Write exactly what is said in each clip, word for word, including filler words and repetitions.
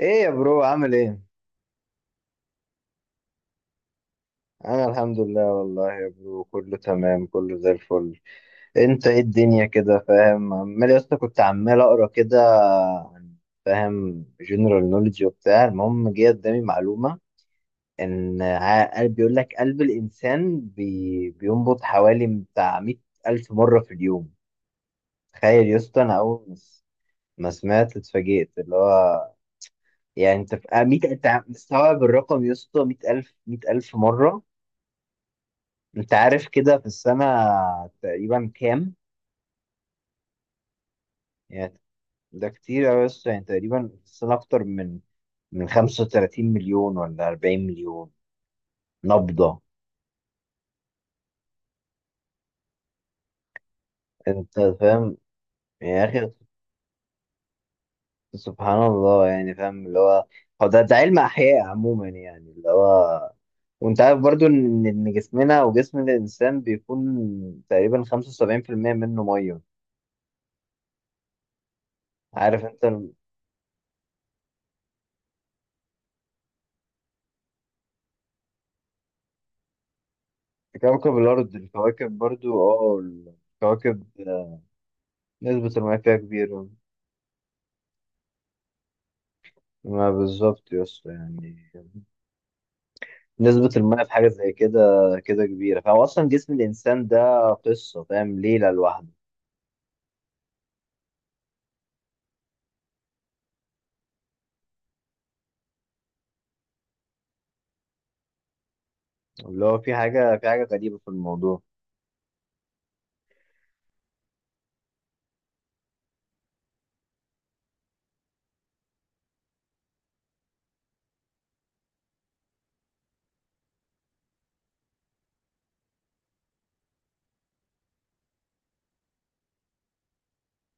ايه يا برو، عامل ايه؟ انا الحمد لله والله يا برو، كله تمام، كله زي الفل. انت ايه الدنيا كده؟ فاهم، عمال يا اسطى كنت عمال اقرا كده عن، فاهم، جنرال نوليدج وبتاع. المهم جه قدامي معلومه ان ع- قلب، بيقول لك قلب الانسان بي بينبض حوالي بتاع مائة الف مره في اليوم. تخيل يا اسطى، انا اول ما س- ما سمعت اتفاجئت، اللي هو يعني انت في مائة، انت مستوعب الرقم يا اسطى؟ مائة الف، مائة الف مره. انت عارف كده في السنة تقريبا كام؟ يعني ده كتير أوي، بس يعني تقريبا في السنة أكتر من من خمسة وتلاتين مليون ولا أربعين مليون نبضة. انت فاهم يا أخي؟ سبحان الله، يعني فاهم اللي هو. هو ده, ده علم أحياء عموما يعني اللي هو. وانت عارف برضو ان ان جسمنا وجسم الانسان بيكون تقريبا خمسة وسبعين في المية منه ميه. عارف انت ال- كوكب الارض، الكواكب برضو، اه الكواكب نسبة المياه فيها كبيرة. ما بالظبط يا اسطى، يعني نسبة المية في حاجة زي كده كده كبيرة. فهو أصلا جسم الإنسان ده قصة، فاهم، ليلة لوحده. اللي هو في حاجة في حاجة غريبة في الموضوع.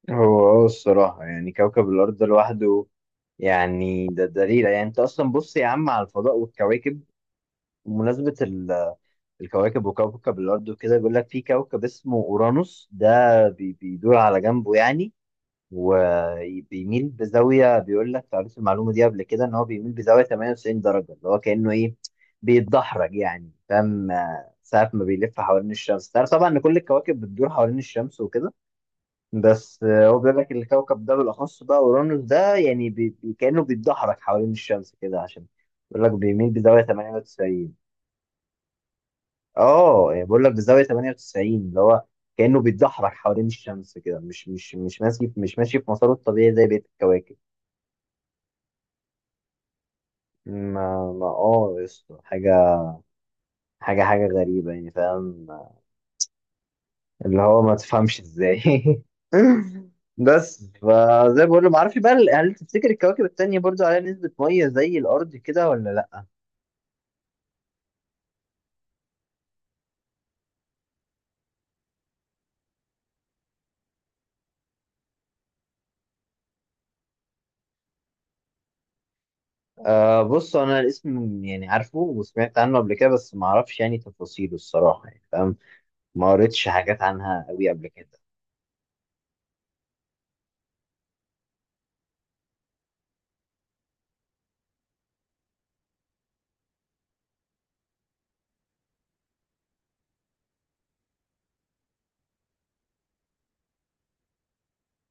هو اه الصراحة، يعني كوكب الأرض ده لوحده، يعني ده ده ليلة. يعني أنت أصلا بص يا عم على الفضاء والكواكب، بمناسبة ال- الكواكب وكوكب الأرض وكده. بيقول لك في كوكب اسمه أورانوس ده بي- بيدور على جنبه يعني، وبيميل بزاويه. بيقول لك قريت المعلومه دي قبل كده، ان هو بيميل بزاويه ثمانية وتسعين درجه، اللي هو كانه ايه، بيتدحرج يعني، فاهم، آه، ساعه ما بيلف حوالين الشمس. تعرف طبعا ان كل الكواكب بتدور حوالين الشمس وكده. بس آه، هو بيقول لك الكوكب ده بالاخص بقى، اورانوس ده، يعني بي... بي- كانه بيتدحرج حوالين الشمس كده، عشان بيقول لك بيميل بزاويه تمانية وتسعين. اه يعني بقول لك بزاويه تمانية وتسعين، اللي هو كانه بيتدحرج حوالين الشمس كده، مش مش مش ماشي، مش ماشي في مساره الطبيعي زي بقيه الكواكب. ما ما اه يا اسطى، حاجة حاجة حاجة غريبة يعني، فاهم، اللي هو ما تفهمش ازاي. بس فزي ما بقول له، ما اعرفش بقى، هل تفتكر الكواكب التانية برضو عليها نسبة مية زي الأرض كده ولا لأ؟ آه، بص أنا الاسم يعني عارفه وسمعت عنه قبل كده، بس ما اعرفش يعني تفاصيله الصراحة، يعني فاهم، ما قريتش حاجات عنها قوي قبل كده.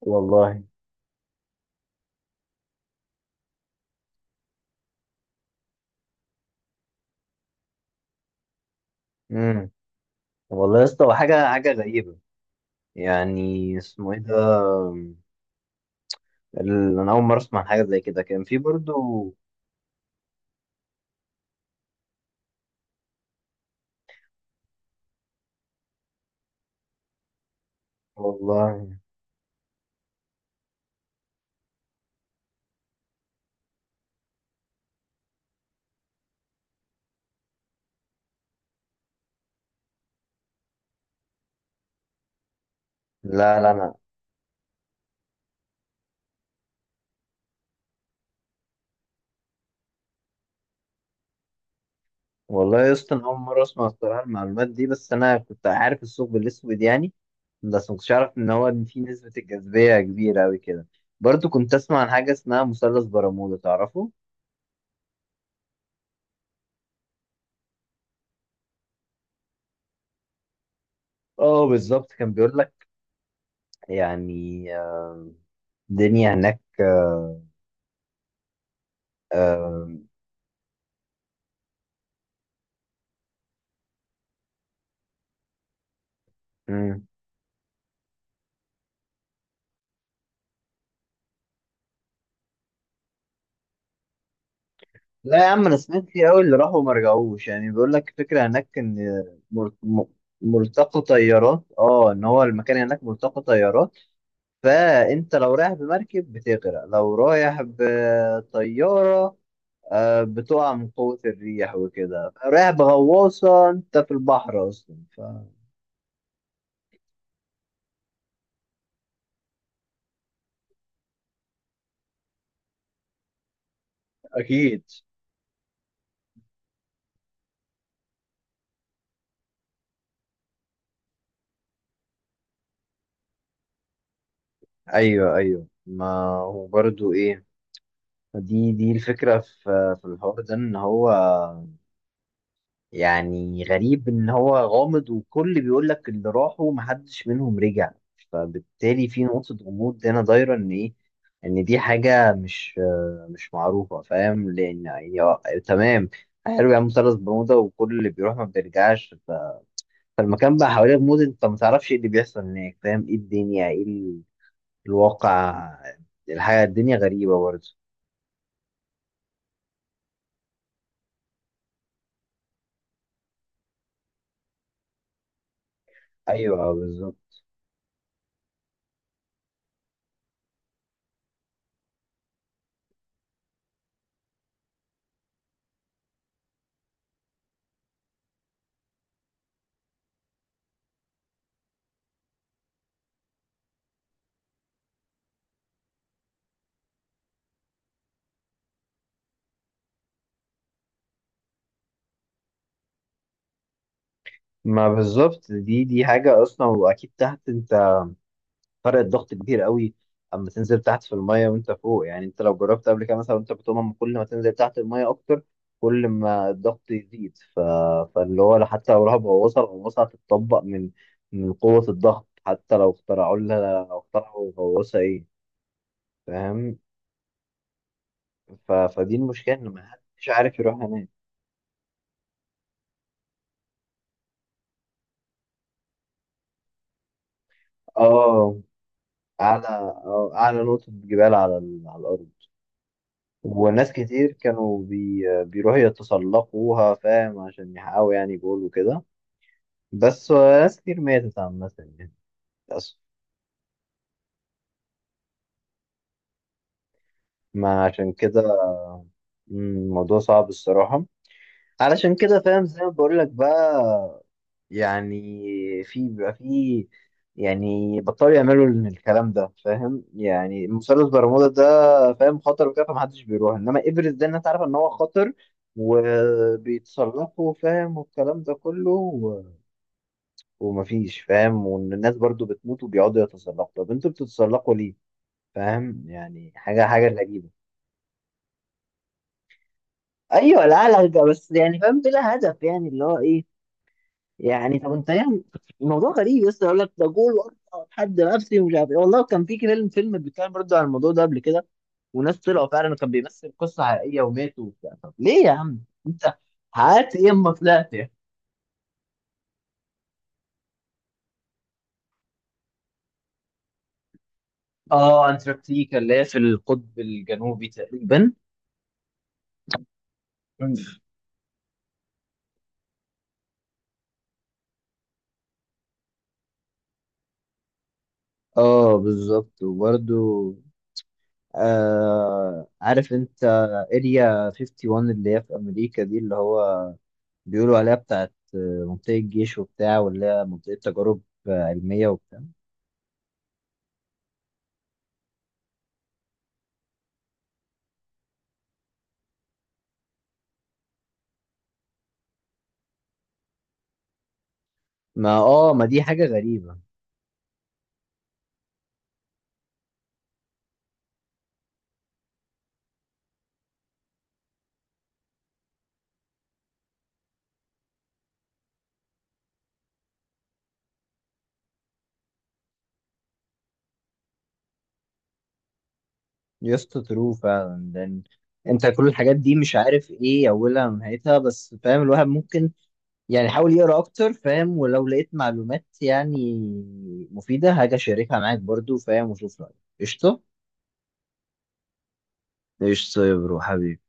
والله. امم والله يا اسطى، هو حاجة حاجة غريبة. يعني اسمه ايه ده؟ ال- انا اول مره اسمع عن حاجه زي كده، كان في برضو. والله. لا، لا، انا. والله يا اسطى، انا اول مره اسمع الصراحه المعلومات دي، بس انا كنت عارف الثقب الاسود يعني، بس ما كنتش اعرف ان هو ان في نسبه الجاذبيه كبيره قوي كده. برضو كنت اسمع عن حاجه اسمها مثلث برمودا، تعرفه؟ اه بالظبط، كان بيقول لك يعني آه، الدنيا هناك. آه، لا يا عم، انا سمعت كتير قوي اللي راحوا وما رجعوش، يعني بيقول لك فكره هناك ان، مر- م- ملتقى طيارات، اه ان هو المكان هناك ملتقى طيارات. فانت لو رايح بمركب بتغرق، لو رايح بطياره آه، بتقع من قوه الريح وكده، رايح بغواصه انت في البحر اصلا، فاكيد. ايوه، ايوه، ما هو برضو ايه، دي دي الفكره في في الحوار ده، ان هو يعني غريب، ان هو غامض، وكل بيقول لك اللي راحوا محدش منهم رجع. فبالتالي في نقطة غموض هنا دايرة، ان ايه؟ ان دي حاجة مش آه، مش معروفة، فاهم، لان يعني آه، تمام. حلو يا مثلث برمودا، وكل اللي بيروح ما بيرجعش، ف- فالمكان بقى حواليه غموض، انت ما تعرفش ايه اللي بيحصل هناك، فاهم؟ ايه الدنيا؟ ايه ال- الواقع؟ الحياة الدنيا غريبة برضه. ايوه بالظبط. ما بالظبط، دي دي حاجة اصلا، واكيد تحت انت فرق الضغط كبير قوي. اما تنزل تحت في الميه وانت فوق، يعني انت لو جربت قبل كده مثلا وانت بتقوم، أما كل ما تنزل تحت الميه اكتر، كل ما الضغط يزيد، ف... فاللي هو حتى لو راح غواصه، الغواصه هتتطبق من من قوه الضغط، حتى لو اخترعوا لها لو اخترعوا غواصه ايه، فاهم، ف... فدي المشكله ان ما حدش عارف يروح هناك. اه، اعلى آه، اعلى نقطه جبال على ال... على الارض. وناس كتير كانوا بي... بيروحوا يتسلقوها، فاهم، عشان يحققوا يعني جول وكده، بس ناس كتير ماتت عامة يعني، للأسف. ما عشان كده، مم، الموضوع صعب الصراحة. علشان كده، فاهم، زي ما بقول لك بقى، يعني في بيبقى في، يعني بطلوا يعملوا الكلام ده، فاهم، يعني مثلث برمودا ده، فاهم، خطر وكده، فمحدش بيروح. انما ايفرست ده الناس عارفة ان هو خطر وبيتصرفوا، فاهم، والكلام ده كله، و... ومفيش، فاهم، وان الناس برضو بتموت وبيقعدوا يتسلقوا. طب انتوا بتتسلقوا ليه؟ فاهم، يعني حاجه حاجه غريبه. ايوه، لا، لا، ده بس يعني، فاهم، بلا هدف يعني، اللي هو ايه؟ يعني طب انت يعني الموضوع غريب لسه، يقول لك ده جول وأقطع حد نفسي ومش عارف ايه. والله كان في فيلم، فيلم بيتكلم برضه عن الموضوع ده قبل كده، وناس طلعوا فعلا، كان بيمثل قصه حقيقيه، وماتوا وبتاع. طب ليه يا عم، انت حققت ايه اما طلعت يعني؟ اه، انتاركتيكا اللي هي في القطب الجنوبي تقريبا. اه بالظبط، وبرده آه، عارف انت اريا واحد وخمسين اللي هي في امريكا دي، اللي هو بيقولوا عليها بتاعت آه، منطقة جيش وبتاع، واللي هي منطقة تجارب آه، علمية وبتاع. ما اه ما دي حاجة غريبة. يسطا ترو فعلا، لان انت كل الحاجات دي مش عارف ايه اولها ونهايتها، بس فاهم الواحد ممكن يعني حاول يقرا اكتر، فاهم، ولو لقيت معلومات يعني مفيدة هاجي اشاركها معاك برضو، فاهم، وشوف رأيك. قشطة. قشطة يا برو حبيبي.